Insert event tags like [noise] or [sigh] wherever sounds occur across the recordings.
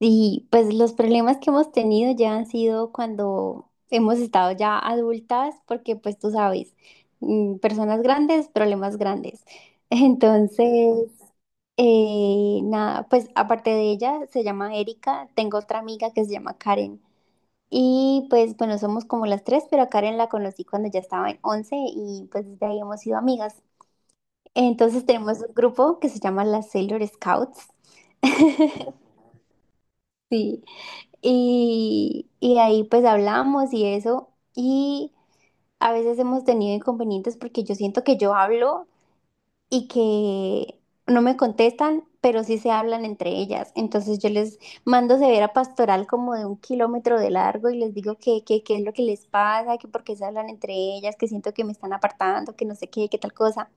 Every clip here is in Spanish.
Y pues los problemas que hemos tenido ya han sido cuando hemos estado ya adultas, porque pues tú sabes, personas grandes, problemas grandes. [laughs] Entonces, nada, pues aparte de ella, se llama Erika, tengo otra amiga que se llama Karen. Y pues bueno, somos como las tres, pero a Karen la conocí cuando ya estaba en 11 y pues desde ahí hemos sido amigas. Entonces tenemos un grupo que se llama las Sailor Scouts. [laughs] Sí. Y ahí pues hablamos y eso. Y a veces hemos tenido inconvenientes porque yo siento que yo hablo y que no me contestan, pero sí se hablan entre ellas. Entonces yo les mando severa pastoral como de un kilómetro de largo y les digo qué es lo que les pasa, que por qué se hablan entre ellas, que siento que me están apartando, que no sé qué, qué tal cosa.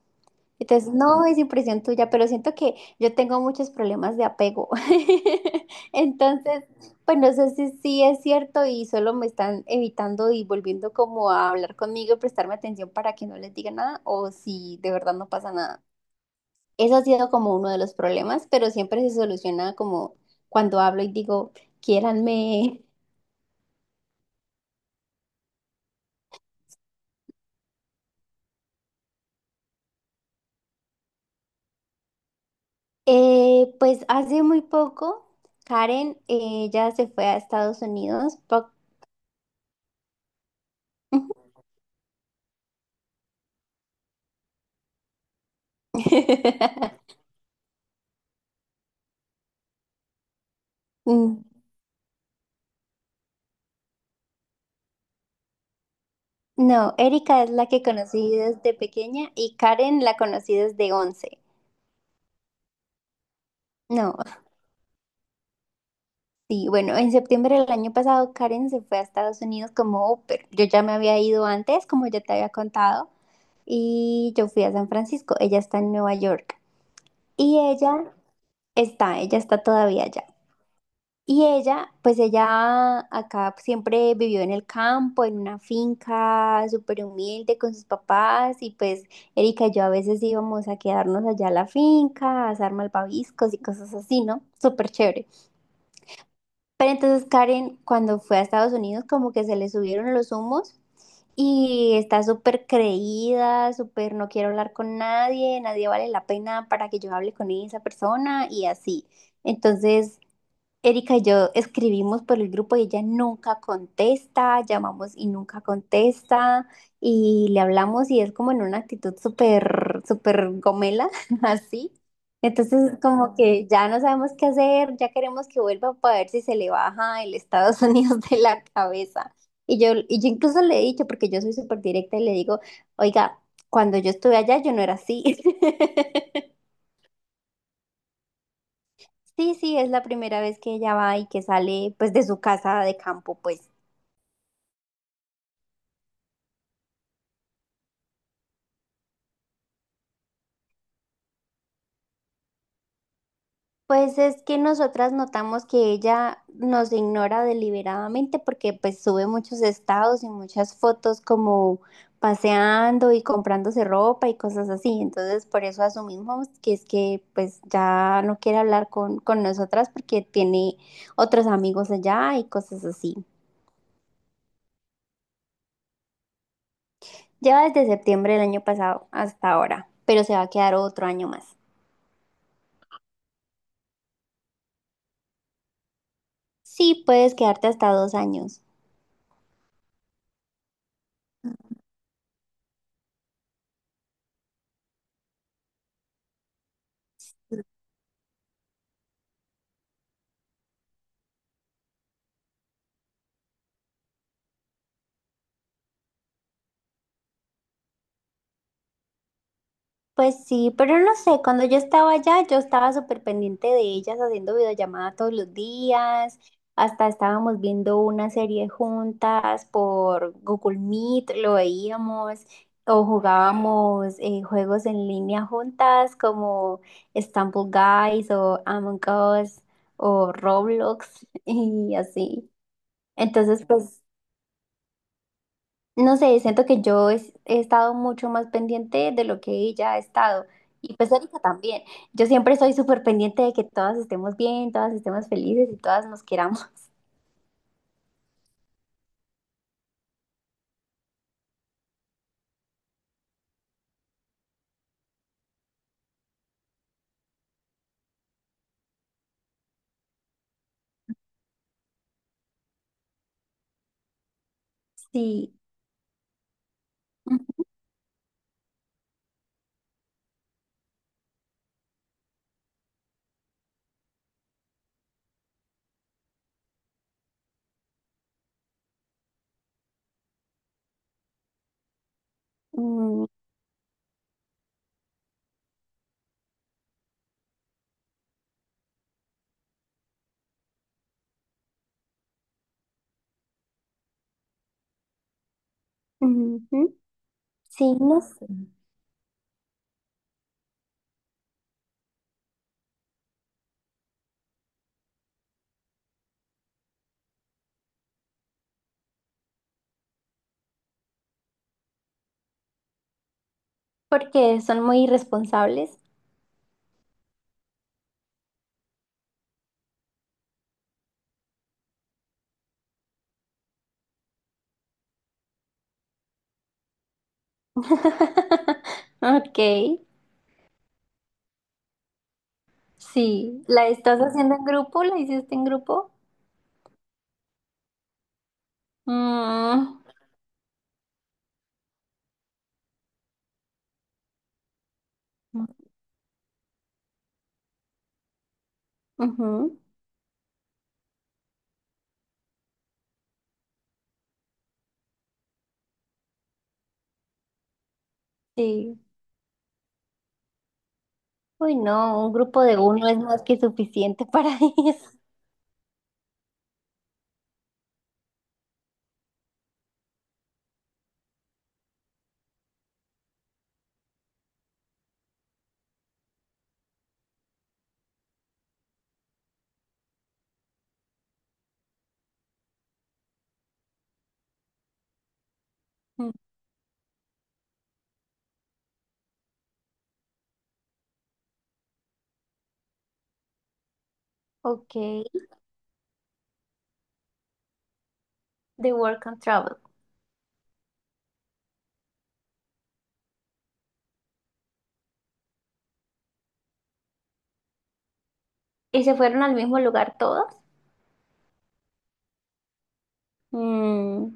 Entonces, no es impresión tuya, pero siento que yo tengo muchos problemas de apego. [laughs] Entonces, pues no sé si sí es cierto y solo me están evitando y volviendo como a hablar conmigo y prestarme atención para que no les diga nada o si de verdad no pasa nada. Eso ha sido como uno de los problemas, pero siempre se soluciona como cuando hablo y digo, quiéranme. Pues hace muy poco, Karen, ya se fue a Estados Unidos. [laughs] Mm. No, Erika es la que conocí desde pequeña y Karen la conocí desde 11. No, sí, bueno, en septiembre del año pasado Karen se fue a Estados Unidos como au pair. Yo ya me había ido antes, como ya te había contado, y yo fui a San Francisco. Ella está en Nueva York y ella está todavía allá. Y ella, pues ella acá siempre vivió en el campo, en una finca súper humilde con sus papás y pues Erika y yo a veces íbamos a quedarnos allá a la finca, a asar malvaviscos y cosas así, ¿no? Súper chévere. Pero entonces Karen, cuando fue a Estados Unidos, como que se le subieron los humos y está súper creída, súper no quiero hablar con nadie, nadie vale la pena para que yo hable con esa persona y así. Entonces... Erika y yo escribimos por el grupo y ella nunca contesta, llamamos y nunca contesta, y le hablamos y es como en una actitud súper, súper gomela, [laughs] así. Entonces, como que ya no sabemos qué hacer, ya queremos que vuelva para ver si se le baja el Estados [laughs] Unidos de la cabeza. Y yo incluso le he dicho, porque yo soy súper directa, y le digo, oiga, cuando yo estuve allá yo no era así. [laughs] Sí, sí, es la primera vez que ella va y que sale pues de su casa de campo, pues. Pues es que nosotras notamos que ella nos ignora deliberadamente porque pues sube muchos estados y muchas fotos como paseando y comprándose ropa y cosas así. Entonces por eso asumimos que es que pues ya no quiere hablar con nosotras porque tiene otros amigos allá y cosas así. Lleva desde septiembre del año pasado hasta ahora, pero se va a quedar otro año más. Sí, puedes quedarte hasta 2 años. Pues sí, pero no sé, cuando yo estaba allá, yo estaba súper pendiente de ellas haciendo videollamada todos los días, hasta estábamos viendo una serie juntas por Google Meet, lo veíamos, o jugábamos juegos en línea juntas como Stumble Guys o Among Us o Roblox [laughs] y así. Entonces, pues no sé, siento que yo he estado mucho más pendiente de lo que ella ha estado. Y pues Erika también. Yo siempre soy súper pendiente de que todas estemos bien, todas estemos felices y todas nos queramos. Sí. Ujú, ujú. Sí, no sé. Porque son muy irresponsables. [laughs] Ok. Sí. ¿La estás haciendo en grupo? ¿La hiciste en grupo? Mm, ujú, sí. Uy, no, un grupo de uno es más que suficiente para [laughs] eso. Mm, ok, the Work and Travel. ¿Y se fueron al mismo lugar todos? Mm,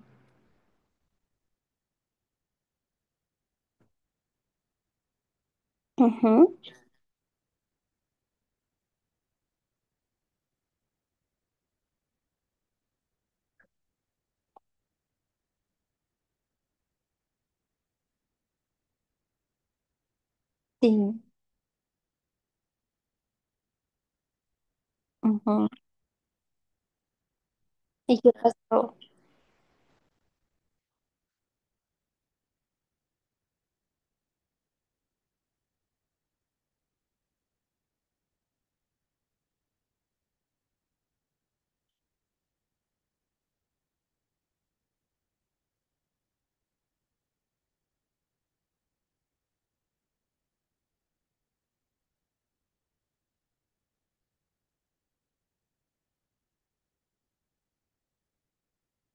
ujú, sí. Ujú. ¿Y qué pasó?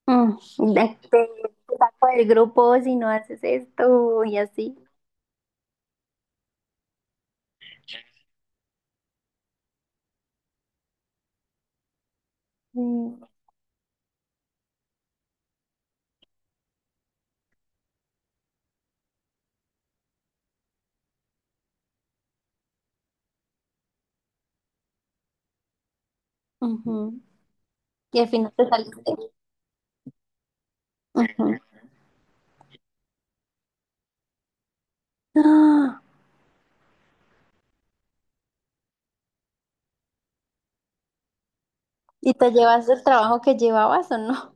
Mm, te saco del grupo si no haces esto y así. Mm, ujú. Y al final te saliste. Ujú. Ah, ¿y te llevas el trabajo que llevabas o no?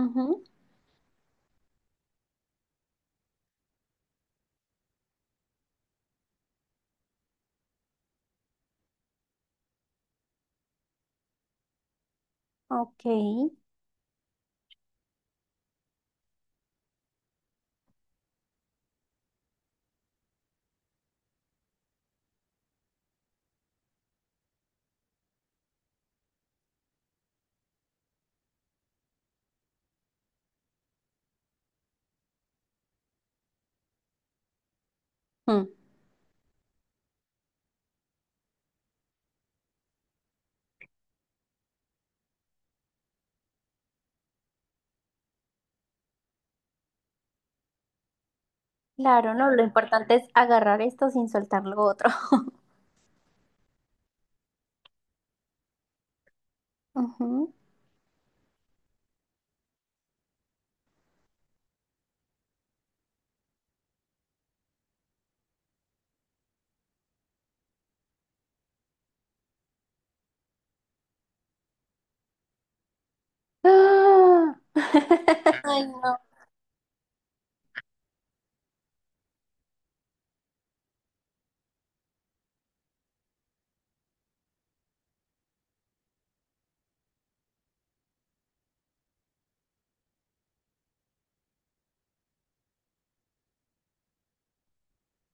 Ujú, ok. Mm, claro, no, lo importante es agarrar esto sin soltar lo otro. Ujú. ¡Ah! [laughs] Ay, no.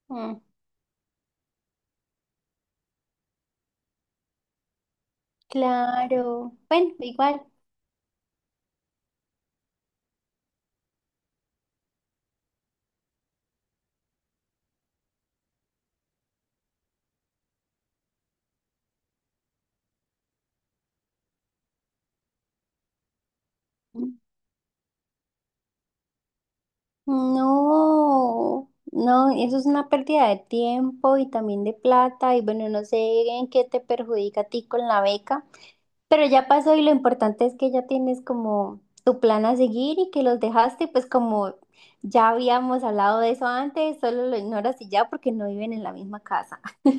Mm, claro. Bueno, igual. No, no, eso es una pérdida de tiempo y también de plata y bueno, no sé en qué te perjudica a ti con la beca, pero ya pasó y lo importante es que ya tienes como tu plan a seguir y que los dejaste, pues como ya habíamos hablado de eso antes, solo lo ignoras y ya porque no viven en la misma casa. [laughs]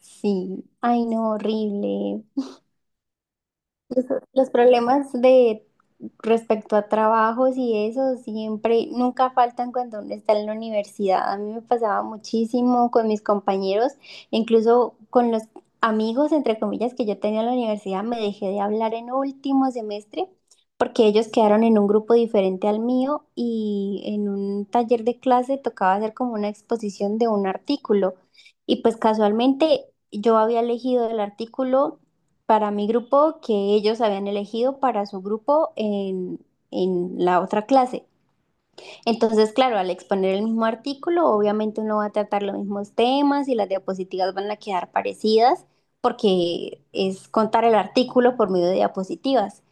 Sí, ay no, horrible. Los problemas de respecto a trabajos y eso siempre, nunca faltan cuando uno está en la universidad. A mí me pasaba muchísimo con mis compañeros, incluso con los amigos, entre comillas, que yo tenía en la universidad, me dejé de hablar en último semestre porque ellos quedaron en un grupo diferente al mío y en un taller de clase tocaba hacer como una exposición de un artículo. Y pues casualmente yo había elegido el artículo para mi grupo que ellos habían elegido para su grupo en la otra clase. Entonces, claro, al exponer el mismo artículo, obviamente uno va a tratar los mismos temas y las diapositivas van a quedar parecidas porque es contar el artículo por medio de diapositivas.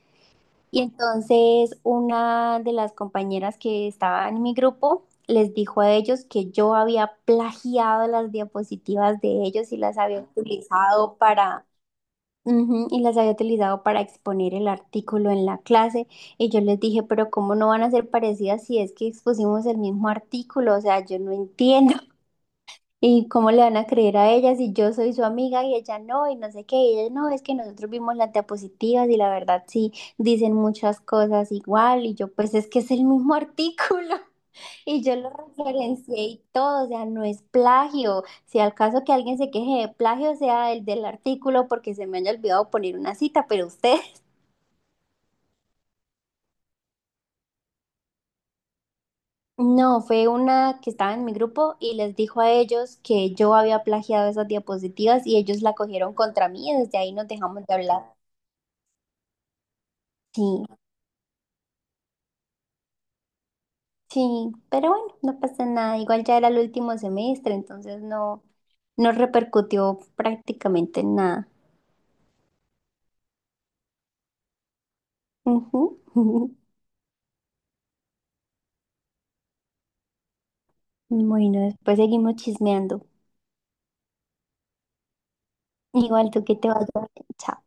Y entonces una de las compañeras que estaba en mi grupo les dijo a ellos que yo había plagiado las diapositivas de ellos y las había utilizado para ujú, y las había utilizado para exponer el artículo en la clase y yo les dije, pero ¿cómo no van a ser parecidas si es que expusimos el mismo artículo? O sea, yo no entiendo. ¿Y cómo le van a creer a ella si yo soy su amiga y ella no? Y no sé qué, y ella no, es que nosotros vimos las diapositivas y la verdad sí dicen muchas cosas igual y yo pues es que es el mismo artículo [laughs] y yo lo referencié y todo, o sea, no es plagio. Si al caso que alguien se queje de plagio sea el del artículo porque se me haya olvidado poner una cita, pero ustedes... [laughs] No, fue una que estaba en mi grupo y les dijo a ellos que yo había plagiado esas diapositivas y ellos la cogieron contra mí y desde ahí nos dejamos de hablar. Sí, sí, pero bueno, no pasa nada. Igual ya era el último semestre, entonces no, no repercutió prácticamente en nada. Ujú. [laughs] Bueno, después seguimos chismeando. Igual tú que te vayas bien. Chao.